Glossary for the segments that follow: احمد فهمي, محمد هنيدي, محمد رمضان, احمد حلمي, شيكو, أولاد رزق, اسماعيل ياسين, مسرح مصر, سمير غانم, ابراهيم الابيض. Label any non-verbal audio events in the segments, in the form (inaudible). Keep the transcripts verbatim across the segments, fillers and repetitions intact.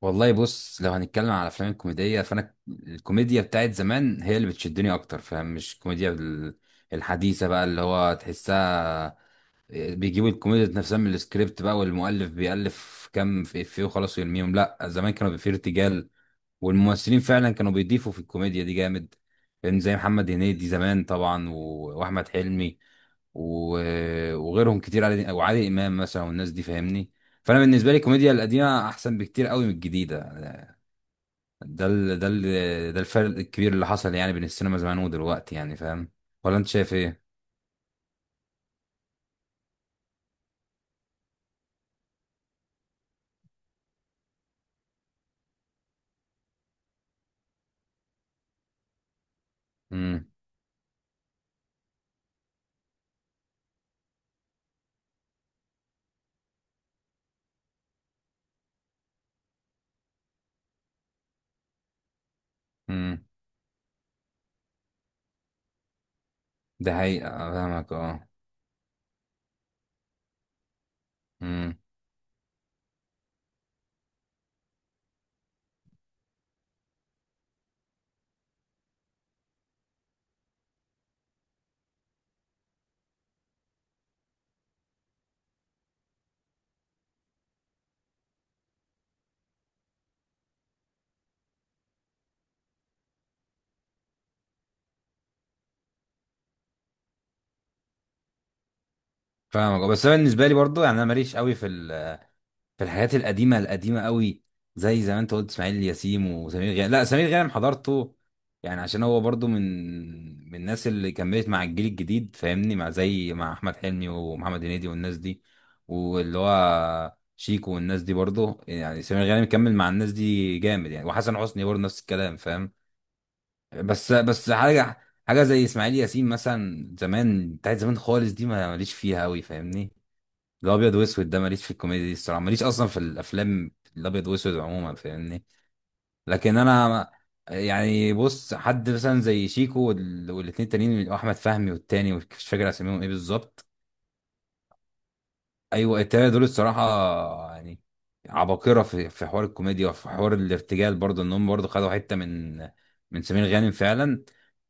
والله بص، لو هنتكلم على الافلام الكوميديه فانا الكوميديا بتاعت زمان هي اللي بتشدني اكتر. فاهم؟ مش الكوميديا ال- الحديثه بقى اللي هو تحسها بيجيبوا الكوميديا نفسها من السكريبت بقى، والمؤلف بيألف كام في افيه وخلاص ويرميهم. لا، زمان كانوا بيبقى فيه ارتجال، والممثلين فعلا كانوا بيضيفوا في الكوميديا دي جامد. فاهم؟ زي محمد هنيدي زمان طبعا، و- واحمد حلمي، و- وغيرهم كتير. عادل- وعادل امام مثلا، والناس دي فاهمني. فانا بالنسبه لي الكوميديا القديمه احسن بكتير قوي من الجديده. ده ال... ده ال... ده الفرق الكبير اللي حصل يعني بين السينما زمان ودلوقتي. يعني فاهم؟ ولا انت شايف ايه؟ امم امم ده حقيقة فاهمك اه. امم فاهمك آه. بس انا بالنسبة لي برضو، يعني انا ماليش قوي في ال... في الحاجات القديمه القديمه قوي. زي زي ما انت قلت اسماعيل ياسين وسمير غانم، لا سمير غانم حضرته يعني، عشان هو برضو من من الناس اللي كملت مع الجيل الجديد. فاهمني؟ مع زي مع احمد حلمي ومحمد هنيدي والناس دي، واللي هو شيكو والناس دي برضو يعني سمير غانم كمل مع الناس دي جامد يعني، وحسن حسني برضه نفس الكلام. فاهم؟ بس بس حاجه، حاجه زي اسماعيل ياسين مثلا زمان بتاعت زمان خالص دي ما ماليش فيها قوي. فاهمني؟ الابيض واسود ده ماليش في الكوميديا دي الصراحه، ماليش اصلا في الافلام الابيض واسود عموما. فاهمني؟ لكن انا يعني بص، حد مثلا زي شيكو وال- والاتنين التانيين احمد فهمي والتاني مش فاكر اساميهم ايه بالظبط. ايوه، التلاته دول الصراحه يعني عباقره في في حوار الكوميديا وفي حوار الارتجال برضه، ان هم برضه خدوا حته من من سمير غانم فعلا،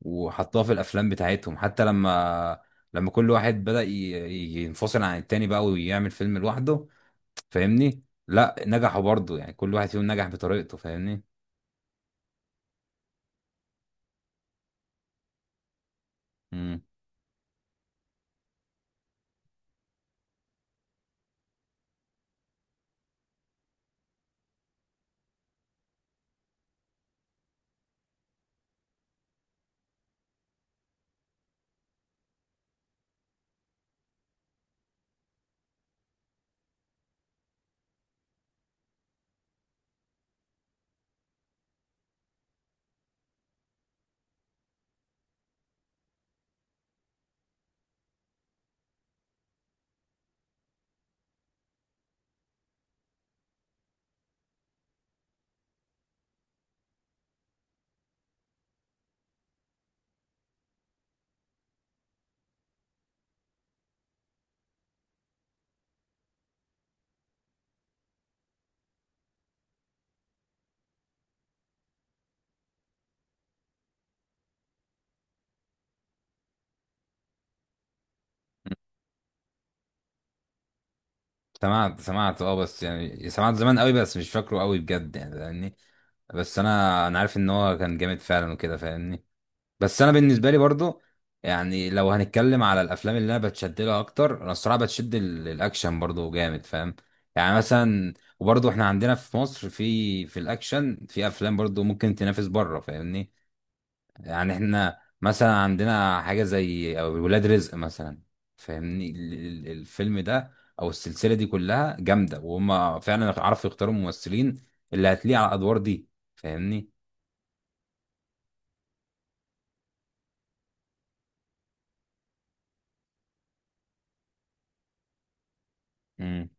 وحطوها في الافلام بتاعتهم. حتى لما لما كل واحد بدأ ي- ي- ينفصل عن التاني بقى ويعمل فيلم لوحده. فاهمني؟ لا، نجحوا برضه، يعني كل واحد فيهم نجح بطريقته. فاهمني؟ امم سمعت سمعت اه، بس يعني سمعت زمان قوي بس مش فاكره قوي بجد يعني. فاهمني؟ بس انا انا عارف ان هو كان جامد فعلا وكده. فاهمني؟ بس انا بالنسبه لي برضو يعني، لو هنتكلم على الافلام اللي انا بتشد لها اكتر، انا الصراحه بتشد ال- الاكشن برضو جامد. فاهم؟ يعني مثلا وبرضو احنا عندنا في مصر في في الاكشن في افلام برضو ممكن تنافس بره. فاهمني؟ يعني احنا مثلا عندنا حاجة زي أو ولاد رزق مثلا. فاهمني؟ ال- ال- الفيلم ده او السلسلة دي كلها جامدة، وهم فعلا عرفوا يختاروا الممثلين اللي هتليق على الادوار دي. فاهمني؟ امم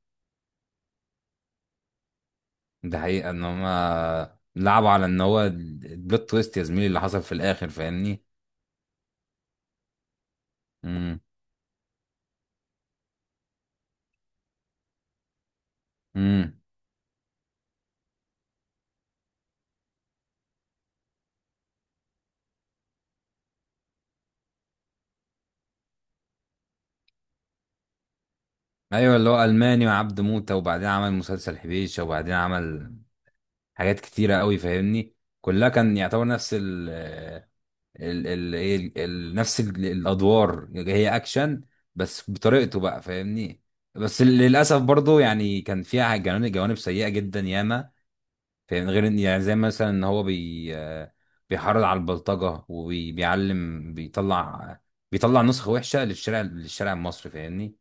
ده حقيقة ان هم لعبوا على ان هو البلوت تويست يا زميلي اللي حصل في الاخر. فاهمني؟ امم. امم. ايوه، اللي هو الماني وعبد موتة، وبعدين عمل مسلسل حبيشة، وبعدين عمل حاجات كتيرة قوي. فاهمني؟ كلها كان يعتبر نفس ال ال ايه ال ال- نفس ال- الادوار، هي اكشن بس بطريقته بقى. فاهمني؟ بس للاسف برضو يعني كان فيها جوانب جوانب سيئه جدا ياما. فاهمني؟ غير ان يعني زي مثلا ان هو بي آه، بيحرض على البلطجه وبيعلم، بيطلع بيطلع نسخه وحشه للشارع، للشارع المصري. فاهمني؟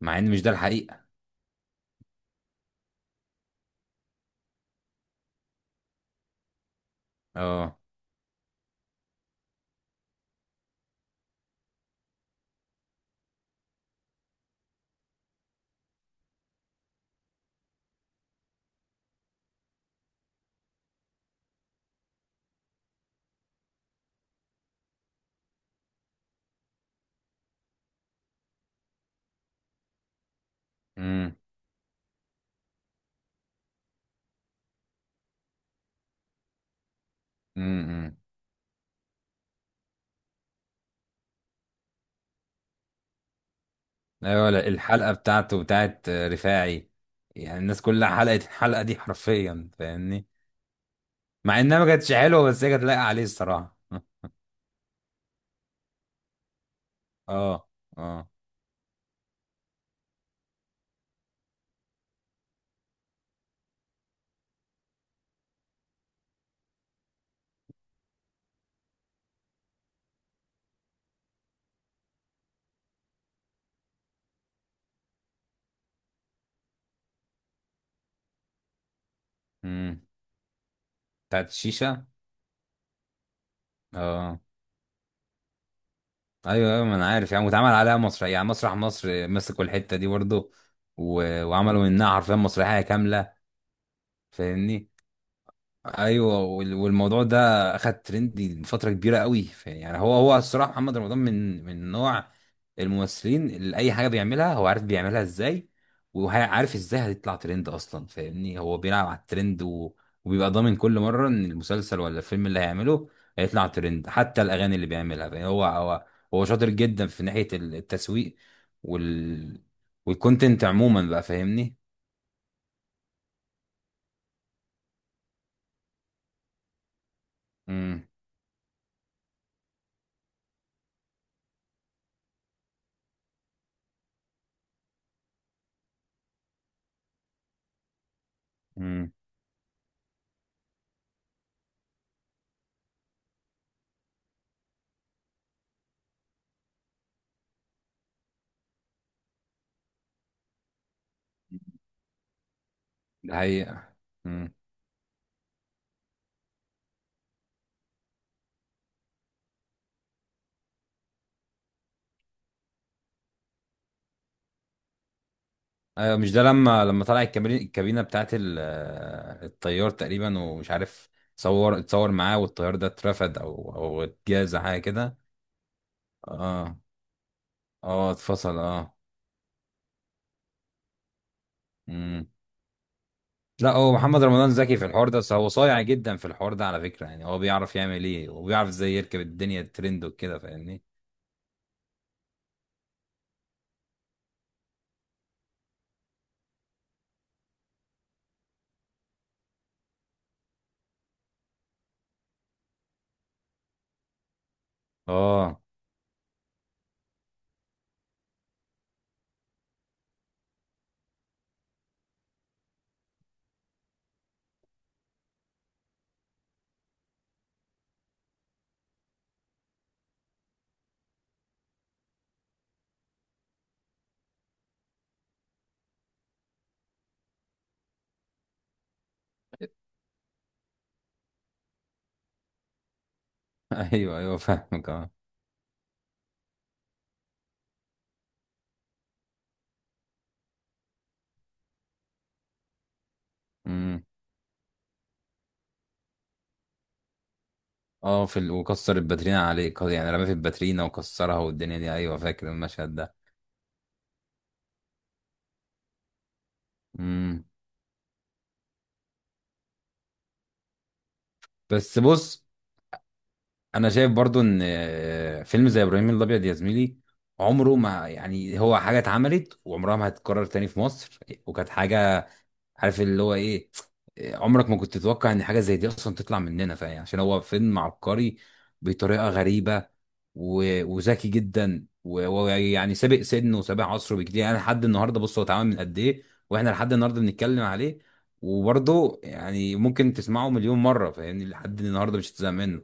مع ان مش ده الحقيقه. اه. امم. امم. ايوه، لا، الحلقه بتاعته بتاعت آه، رفاعي، يعني الناس كلها حلقت الحلقه دي حرفيا. فاهمني؟ مع انها ما كانتش حلوه بس هي كانت لايقه عليه الصراحه. اه. اه. امم بتاعت الشيشه. اه. ايوه ايوه، ما انا عارف يعني، واتعمل عليها مسرح يعني مسرح مصر مسكوا الحته دي برضه، و... وعملوا منها حرفيا مسرحيه كامله. فاهمني؟ ايوه، وال- والموضوع ده اخد ترند لفتره كبيره قوي. ف- يعني هو هو الصراحه محمد رمضان من من نوع الممثلين اللي اي حاجه بيعملها هو عارف بيعملها ازاي، وعارف ازاي هتطلع ترند اصلا. فاهمني؟ هو بيلعب على الترند و... وبيبقى ضامن كل مره ان المسلسل ولا الفيلم اللي هيعمله هيطلع ترند، حتى الاغاني اللي بيعملها. فاهم؟ هو هو هو شاطر جدا في ناحيه التسويق وال والكونتنت عموما بقى. فاهمني؟ امم امم ده حقيقه. امم. ايوه، مش ده لما لما طلع الكابري- الكابينه بتاعت ال- آه، الطيار تقريبا، ومش عارف اتصور اتصور معاه، والطيار ده اترفد او او اتجاز حاجه كده. اه. اه، اتفصل اه. امم لا، هو محمد رمضان ذكي في الحوار ده، بس هو صايع جدا في الحوار ده على فكره، يعني هو بيعرف يعمل ايه وبيعرف ازاي يركب الدنيا الترند وكده. فاهمني؟ اه. (laughs) ايوه ايوه فاهمك اه. امم. اه، في ال... وكسر الباترينا عليه، يعني رمى في الباترينا وكسرها والدنيا دي. ايوه، فاكر المشهد ده. امم بس بص، انا شايف برضو ان آه، فيلم زي ابراهيم الابيض يا زميلي عمره ما، يعني هو حاجه اتعملت وعمرها ما هتتكرر تاني في مصر. وكانت حاجه، عارف اللي هو ايه، آه، عمرك ما كنت تتوقع ان حاجه زي دي اصلا تطلع مننا. فاهم؟ عشان هو فيلم عبقري بطريقه غريبه، و- وذكي جدا، و- ويعني سابق سنه وسابق عصره بكتير. يعني لحد النهارده بص هو اتعمل من قد ايه، واحنا لحد النهارده بنتكلم عليه. وبرضه يعني ممكن تسمعه مليون مره، فاهمني؟ لحد النهارده مش هتزهق منه.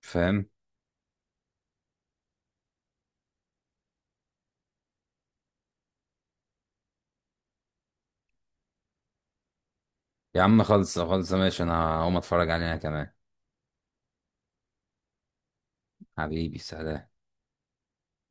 فاهم؟ يا عم خلص خلص ماشي، انا هقوم اتفرج عليها كمان. حبيبي، سلام.